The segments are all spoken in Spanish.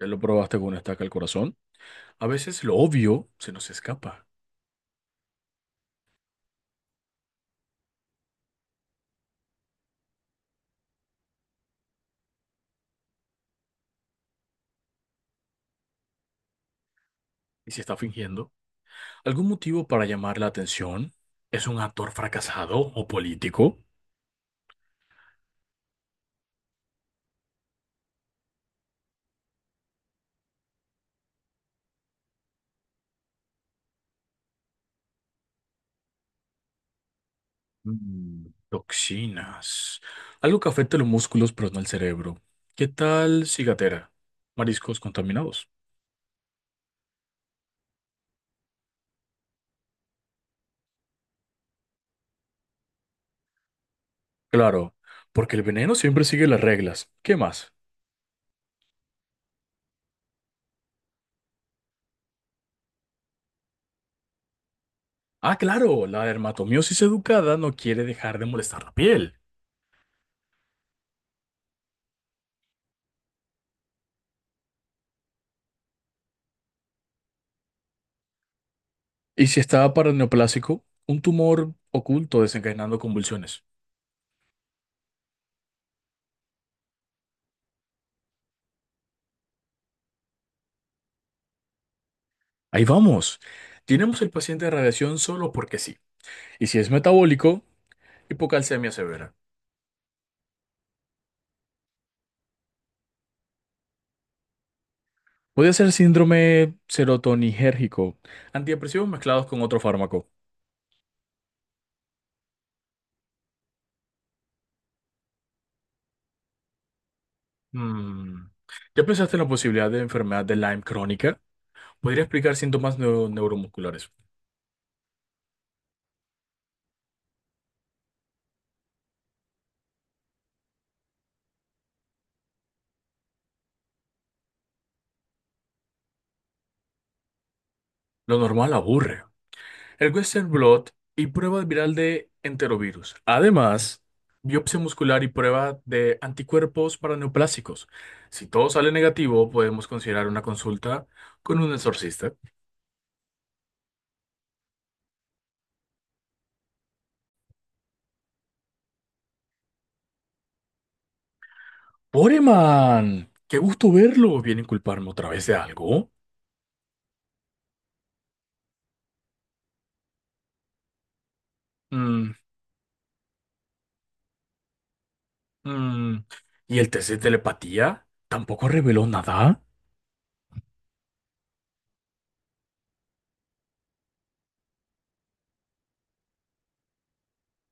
Ya lo probaste con una estaca al corazón. A veces lo obvio se nos escapa. ¿Y si está fingiendo? ¿Algún motivo para llamar la atención? ¿Es un actor fracasado o político? Mm, toxinas. Algo que afecta los músculos, pero no el cerebro. ¿Qué tal cigatera? Mariscos contaminados. Claro, porque el veneno siempre sigue las reglas. ¿Qué más? Ah, claro, la dermatomiosis educada no quiere dejar de molestar la piel. Y si estaba paraneoplásico, un tumor oculto desencadenando convulsiones. Ahí vamos. Tenemos el paciente de radiación solo porque sí. Y si es metabólico, hipocalcemia severa. Puede ser síndrome serotoninérgico, antidepresivos mezclados con otro fármaco. Mm. ¿Ya pensaste en la posibilidad de enfermedad de Lyme crónica? Podría explicar síntomas neuromusculares. Lo normal aburre. El Western Blot y prueba viral de enterovirus. Además, biopsia muscular y prueba de anticuerpos para neoplásicos. Si todo sale negativo, podemos considerar una consulta con un exorcista. ¡Poreman! ¡Qué gusto verlo! ¿Viene a culparme otra vez de algo? Mm, mm. ¿Y el test de telepatía? ¿Tampoco reveló nada?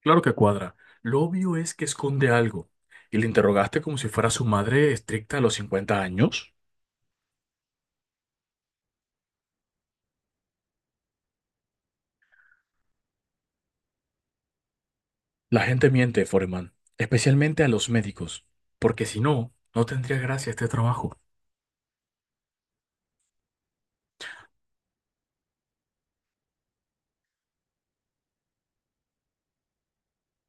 Claro que cuadra. Lo obvio es que esconde algo. ¿Y le interrogaste como si fuera su madre estricta a los 50 años? La gente miente, Foreman, especialmente a los médicos, porque si no, no tendría gracia este trabajo.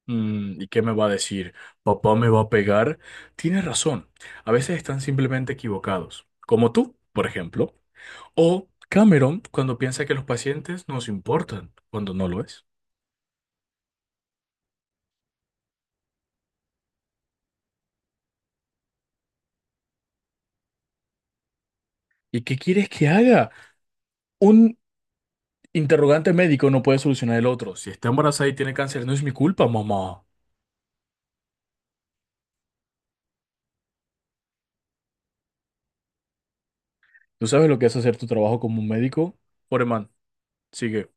Mm, ¿y qué me va a decir? ¿Papá me va a pegar? Tienes razón, a veces están simplemente equivocados, como tú, por ejemplo, o Cameron cuando piensa que los pacientes nos importan, cuando no lo es. ¿Y qué quieres que haga? Un interrogante médico no puede solucionar el otro. Si está embarazada y tiene cáncer, no es mi culpa, mamá. ¿Tú sabes lo que es hacer tu trabajo como un médico? Foreman, sigue.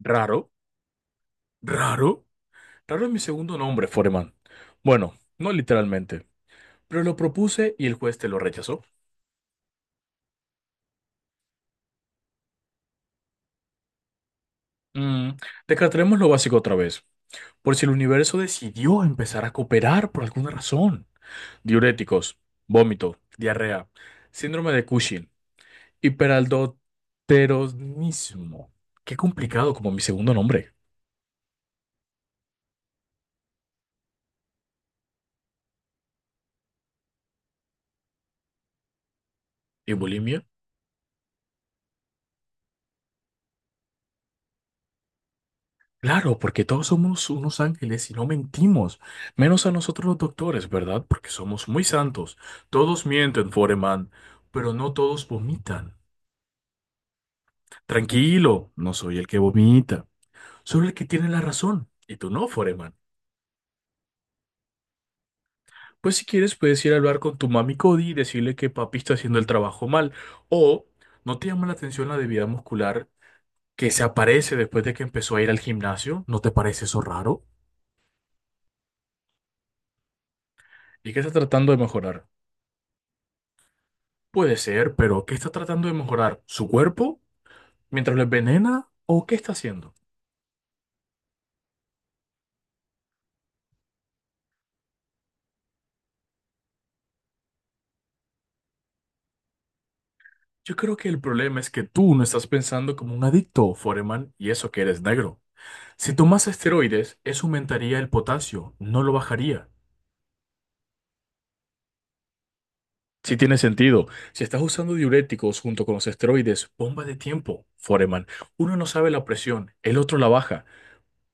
Raro. Raro. Raro es mi segundo nombre, Foreman. Bueno, no literalmente, pero lo propuse y el juez te lo rechazó. Mm, descartaremos lo básico otra vez, por si el universo decidió empezar a cooperar por alguna razón. Diuréticos, vómito, diarrea, síndrome de Cushing, hiperaldoteronismo. Qué complicado como mi segundo nombre. ¿Y bulimia? Claro, porque todos somos unos ángeles y no mentimos, menos a nosotros los doctores, ¿verdad? Porque somos muy santos. Todos mienten, Foreman, pero no todos vomitan. Tranquilo, no soy el que vomita, solo el que tiene la razón, y tú no, Foreman. Pues si quieres puedes ir a hablar con tu mami Cody y decirle que papi está haciendo el trabajo mal, o ¿no te llama la atención la debilidad muscular que se aparece después de que empezó a ir al gimnasio? ¿No te parece eso raro? ¿Y qué está tratando de mejorar? Puede ser, pero ¿qué está tratando de mejorar? ¿Su cuerpo mientras lo envenena? ¿O qué está haciendo? Yo creo que el problema es que tú no estás pensando como un adicto, Foreman, y eso que eres negro. Si tomas esteroides, eso aumentaría el potasio, no lo bajaría. Sí tiene sentido. Si estás usando diuréticos junto con los esteroides, bomba de tiempo, Foreman. Uno no sabe la presión, el otro la baja.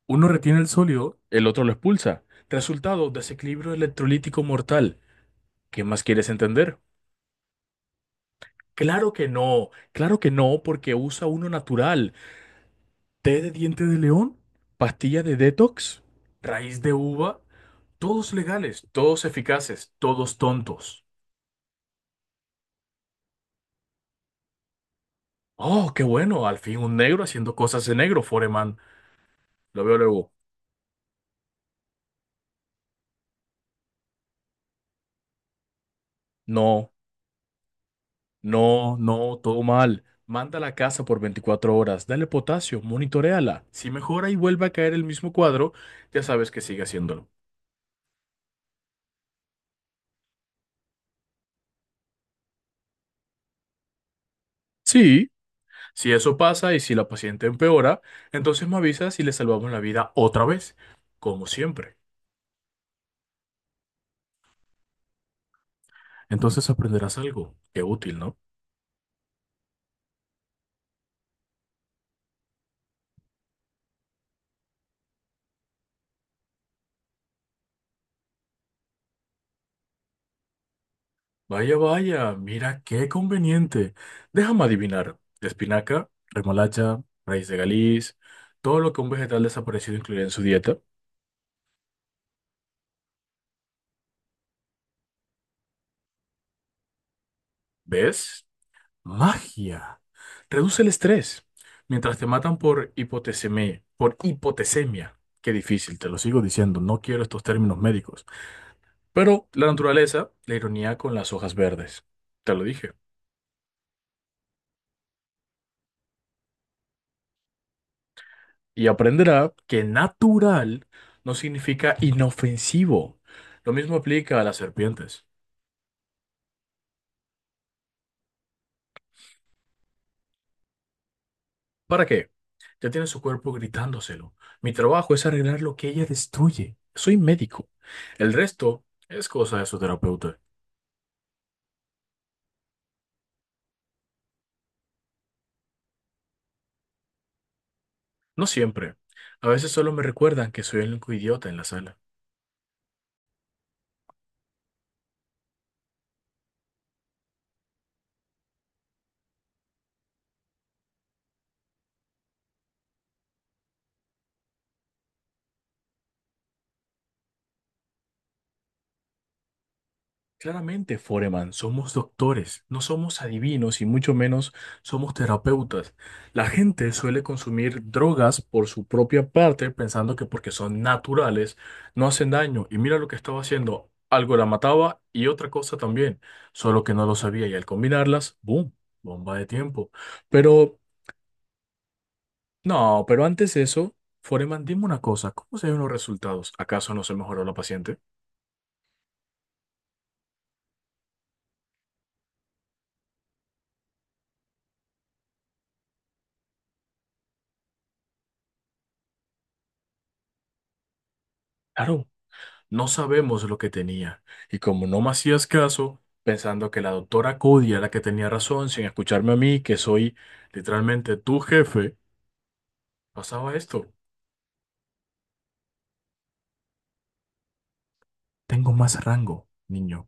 Uno retiene el sólido, el otro lo expulsa. Resultado, desequilibrio electrolítico mortal. ¿Qué más quieres entender? Claro que no, porque usa uno natural. Té de diente de león, pastilla de detox, raíz de uva, todos legales, todos eficaces, todos tontos. Oh, qué bueno, al fin un negro haciendo cosas de negro, Foreman. Lo veo luego. No, no, no, todo mal. Mándala a casa por 24 horas, dale potasio, monitoréala. Si mejora y vuelve a caer el mismo cuadro, ya sabes que sigue haciéndolo. Sí. Si eso pasa y si la paciente empeora, entonces me avisas y le salvamos la vida otra vez, como siempre. Entonces aprenderás algo. Qué útil, ¿no? Vaya, vaya, mira qué conveniente. Déjame adivinar. Espinaca, remolacha, raíz de galiz, todo lo que un vegetal desaparecido incluiría en su dieta. ¿Ves? Magia. Reduce el estrés. Mientras te matan por hipotesemia, por hipotesemia. Qué difícil, te lo sigo diciendo, no quiero estos términos médicos. Pero la naturaleza, la ironía con las hojas verdes. Te lo dije. Y aprenderá que natural no significa inofensivo. Lo mismo aplica a las serpientes. ¿Para qué? Ya tiene su cuerpo gritándoselo. Mi trabajo es arreglar lo que ella destruye. Soy médico. El resto es cosa de su terapeuta. No siempre. A veces solo me recuerdan que soy el único idiota en la sala. Claramente, Foreman, somos doctores, no somos adivinos y mucho menos somos terapeutas. La gente suele consumir drogas por su propia parte pensando que porque son naturales no hacen daño. Y mira lo que estaba haciendo, algo la mataba y otra cosa también, solo que no lo sabía y al combinarlas, ¡boom! Bomba de tiempo. Pero, no, pero antes de eso, Foreman, dime una cosa, ¿cómo se ven los resultados? ¿Acaso no se mejoró la paciente? Claro. No sabemos lo que tenía, y como no me hacías caso, pensando que la doctora Cody era la que tenía razón, sin escucharme a mí, que soy literalmente tu jefe, pasaba esto. Tengo más rango, niño,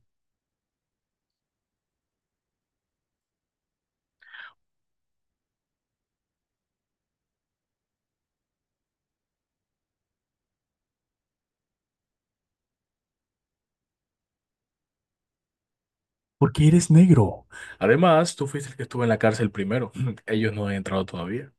porque eres negro. Además, tú fuiste el que estuvo en la cárcel primero. Ellos no han entrado todavía.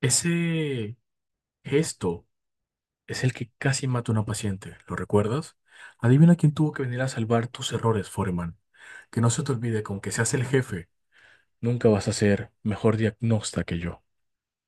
Ese gesto es el que casi mata a una paciente, ¿lo recuerdas? Adivina quién tuvo que venir a salvar tus errores, Foreman. Que no se te olvide, con que seas el jefe. Nunca vas a ser mejor diagnóstica que yo.